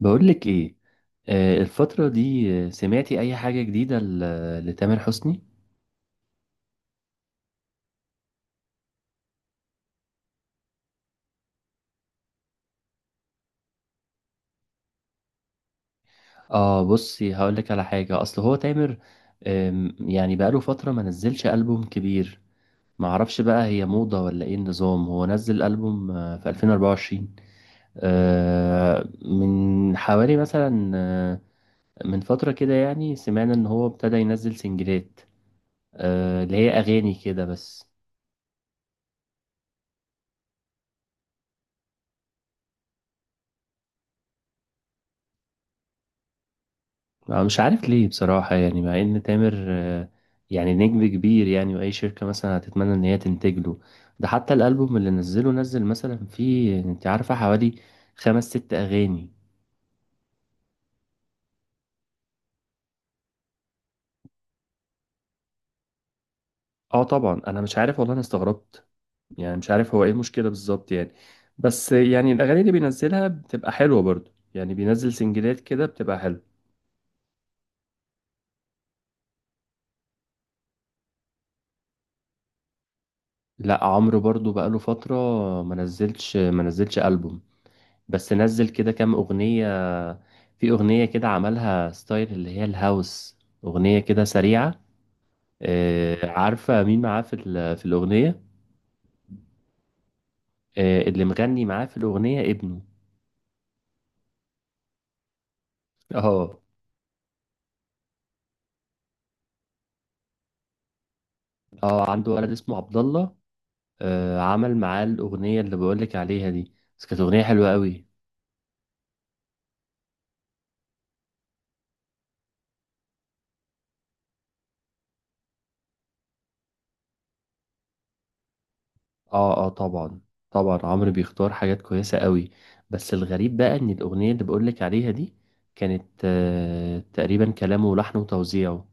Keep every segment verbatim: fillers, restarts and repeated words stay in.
بقولك ايه. آه الفترة دي، آه، سمعتي اي حاجة جديدة ل- لتامر حسني؟ اه بصي هقولك على حاجة اصل هو تامر آم، يعني بقاله فترة ما نزلش ألبوم كبير. معرفش بقى هي موضة ولا ايه النظام، هو نزل ألبوم آه، في ألفين وأربعة وعشرين. آه من حوالي مثلا، آه، من فترة كده، يعني سمعنا ان هو ابتدى ينزل سنجلات، آه اللي هي اغاني كده بس. أنا مش عارف ليه بصراحة، يعني مع إن تامر آه، يعني نجم كبير يعني، وأي شركة مثلا هتتمنى إن هي تنتج له. ده حتى الألبوم اللي نزله، نزل مثلا فيه، أنت عارفة، حوالي خمس ست أغاني. أه طبعا أنا مش عارف والله، أنا استغربت. يعني مش عارف هو إيه المشكلة بالظبط يعني. بس يعني الأغاني اللي بينزلها بتبقى حلوة برضو، يعني بينزل سنجلات كده بتبقى حلوة. لا عمرو برضو بقاله فترة ما نزلش ما نزلش ألبوم. بس نزل كده كام أغنية. في أغنية كده عملها ستايل اللي هي الهاوس، أغنية كده سريعة. آه، عارفة مين معاه في ال- في الأغنية؟ آه، اللي مغني معاه في الأغنية ابنه. اه اه عنده ولد اسمه عبد الله. آه، عمل معاه الأغنية اللي بقولك عليها دي. بس كانت أغنية حلوة قوي. اه اه طبعا. طبعا عمرو بيختار حاجات كويسة قوي. بس الغريب بقى إن الأغنية اللي بقولك عليها دي، كانت آه، تقريبا كلامه ولحنه وتوزيعه.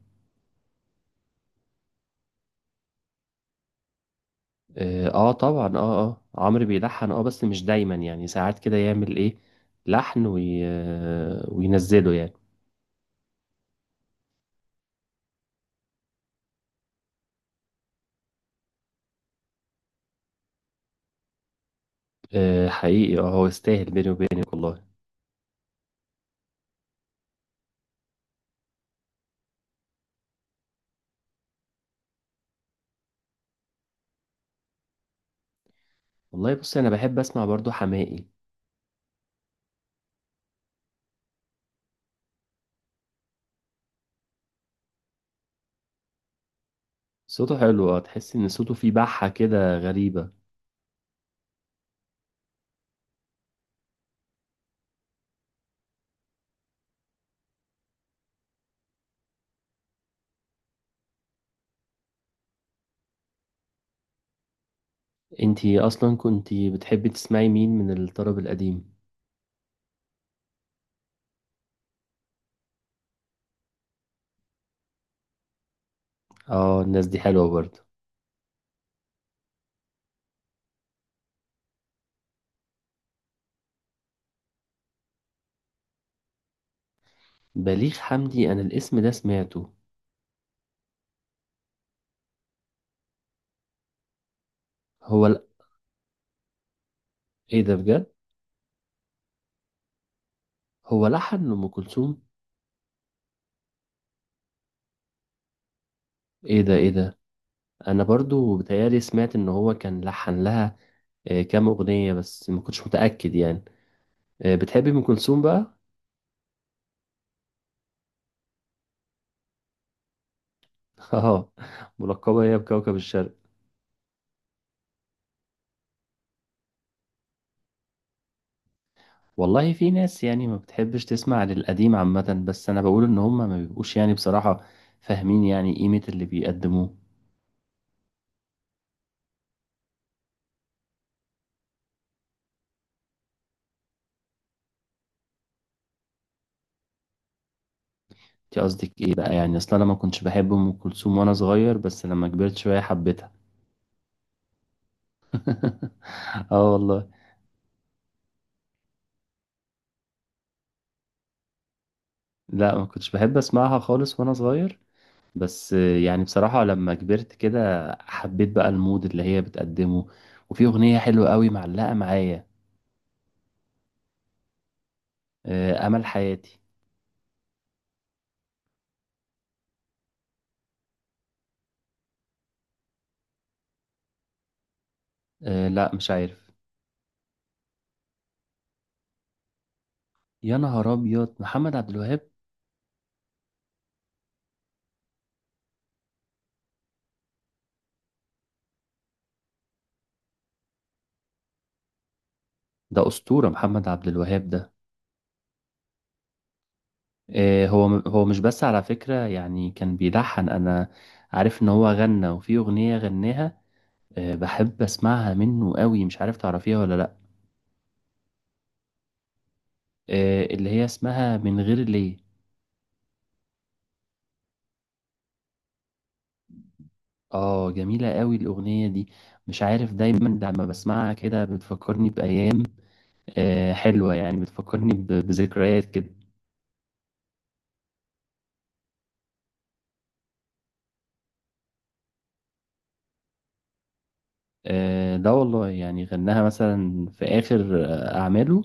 اه آه طبعا اه اه عمرو بيلحن اه، بس مش دايما يعني، ساعات كده يعمل ايه لحن وي... آه، وينزله يعني. آه حقيقي، اه هو يستاهل بيني وبينك والله. والله بصي انا بحب اسمع برضو حماقي. صوته حلو، اه تحس ان صوته فيه بحة كده غريبة. انتي اصلا كنتي بتحبي تسمعي مين من الطرب القديم؟ اه الناس دي حلوة برضو. بليغ حمدي انا الاسم ده سمعته. هو ل... ايه ده بجد؟ هو لحن لأم كلثوم؟ ايه ده ايه ده. انا برضو بتهيالي سمعت ان هو كان لحن لها آه، كام اغنيه، بس ما كنتش متاكد يعني. آه، بتحبي ام كلثوم بقى؟ اه ملقبه هي بكوكب الشرق. والله في ناس يعني ما بتحبش تسمع للقديم عامه، بس انا بقول ان هم ما بيبقوش يعني بصراحه فاهمين يعني قيمه اللي بيقدموه. انت قصدك ايه بقى؟ يعني اصلا انا ما كنتش بحب ام كلثوم وانا صغير، بس لما كبرت شويه حبيتها. اه والله. لا ما كنتش بحب اسمعها خالص وانا صغير. بس يعني بصراحة لما كبرت كده حبيت بقى المود اللي هي بتقدمه. وفي أغنية حلوة قوي معلقة معايا، آه، أمل حياتي. آه، لا مش عارف. يا نهار أبيض، محمد عبد الوهاب؟ ده أسطورة محمد عبد الوهاب ده. آه، هو هو مش بس على فكرة يعني كان بيلحن، أنا عارف إن هو غنى، وفي أغنية غناها آه، بحب أسمعها منه قوي، مش عارف تعرفيها ولا لأ. آه، اللي هي اسمها من غير ليه. اه جميلة قوي الأغنية دي. مش عارف، دايما لما بسمعها كده بتفكرني بأيام آه، حلوة يعني، بتفكرني ب- بذكريات كده. آه، ده والله يعني غناها مثلا في آخر آه، أعماله.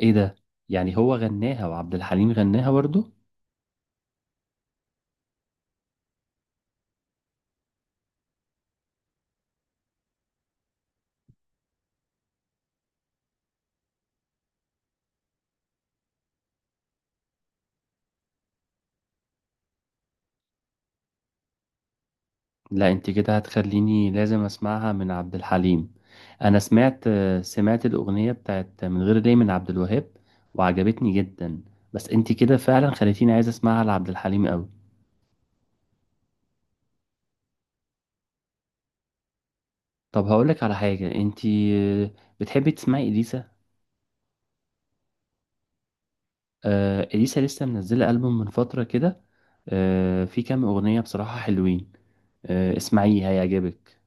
إيه ده. يعني هو غناها وعبد الحليم غناها برضو؟ لا انت كده هتخليني لازم أسمعها من عبد الحليم. أنا سمعت آه، سمعت الأغنية بتاعت من غير ليه من عبد الوهاب وعجبتني جدا. بس انت كده فعلا خليتيني عايز أسمعها لعبد الحليم قوي. طب هقولك على حاجة، انتي بتحبي تسمعي إليسا؟ آه إليسا لسه منزلة ألبوم من فترة كده، آه في كام أغنية بصراحة حلوين، آه اسمعيه هيعجبك.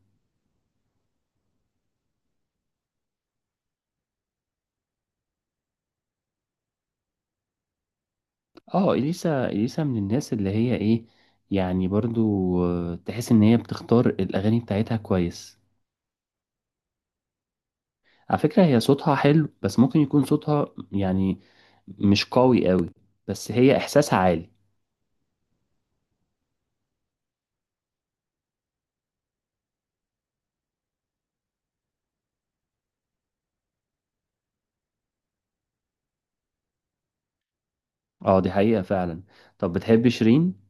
اه إليسا، إليسا من الناس اللي هي ايه، يعني برضو آه تحس ان هي بتختار الأغاني بتاعتها كويس. على فكرة هي صوتها حلو، بس ممكن يكون صوتها يعني مش قوي قوي، بس هي إحساسها عالي. اه دي حقيقة فعلا. طب بتحبي شيرين؟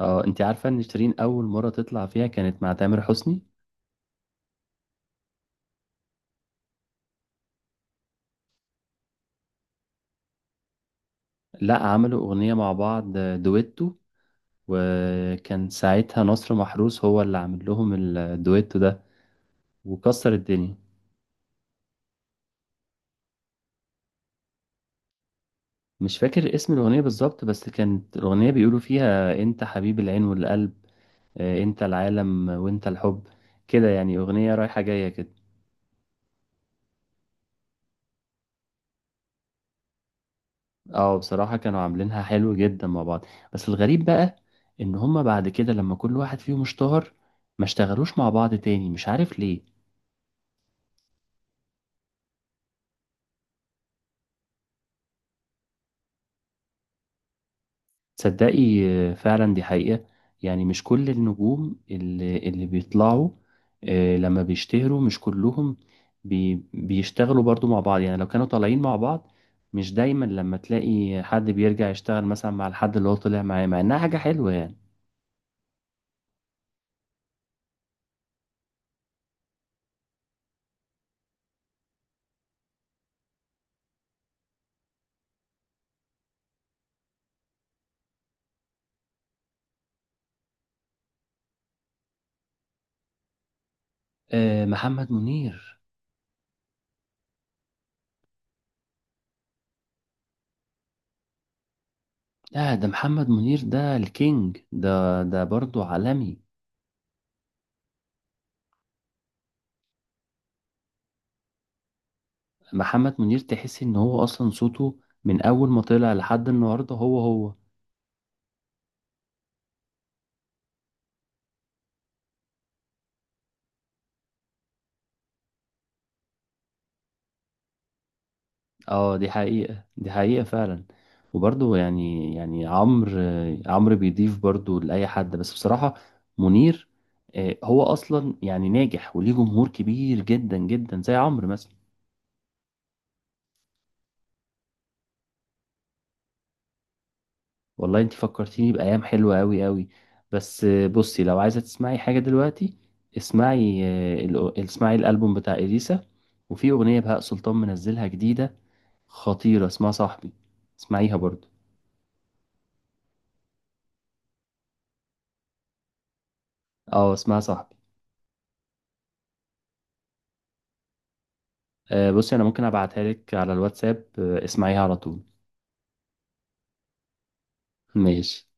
اه انت عارفة ان شيرين اول مرة تطلع فيها كانت مع تامر حسني؟ لا عملوا اغنية مع بعض آه، دويتو، وكان ساعتها نصر محروس هو اللي عامل لهم الدويتو ده، وكسر الدنيا. مش فاكر اسم الاغنية بالظبط، بس كانت الاغنية بيقولوا فيها انت حبيب العين والقلب، آه، انت العالم وانت الحب، كده يعني اغنية رايحة جاية كده. اه بصراحة كانوا عاملينها حلو جدا مع بعض. بس الغريب بقى ان هما بعد كده لما كل واحد فيهم اشتهر ما اشتغلوش مع بعض تاني، مش عارف ليه. تصدقي، آه، فعلا دي حقيقة. يعني مش كل النجوم اللي, اللي بيطلعوا آه، لما بيشتهروا مش كلهم بي بيشتغلوا برضو مع بعض، يعني لو كانوا طالعين مع بعض. مش دايما لما تلاقي حد بيرجع يشتغل مثلا مع الحد اللي هو طلع معاه، مع انها حاجة حلوة يعني. آه، محمد منير. لا ده محمد منير، ده الكينج ده، ده برضه عالمي. محمد منير تحس ان هو اصلا صوته من اول ما طلع لحد النهارده هو هو. اه دي حقيقة، دي حقيقة فعلا. وبرضه يعني، يعني عمرو عمرو بيضيف برضه لأي حد، بس بصراحة منير آه، هو اصلا يعني ناجح وليه جمهور كبير جدا جدا زي عمرو مثلا. والله انت فكرتيني بأيام حلوة أوي أوي. بس آه، بصي لو عايزة تسمعي حاجة دلوقتي، اسمعي آه، الأو- اسمعي الألبوم بتاع إليسا. وفي أغنية بهاء سلطان منزلها جديدة خطيرة اسمها صاحبي، اسمعيها برضو. اه اسمها صاحبي. آه، بصي أنا ممكن أبعتها لك على الواتساب، آه، اسمعيها على طول. ماشي.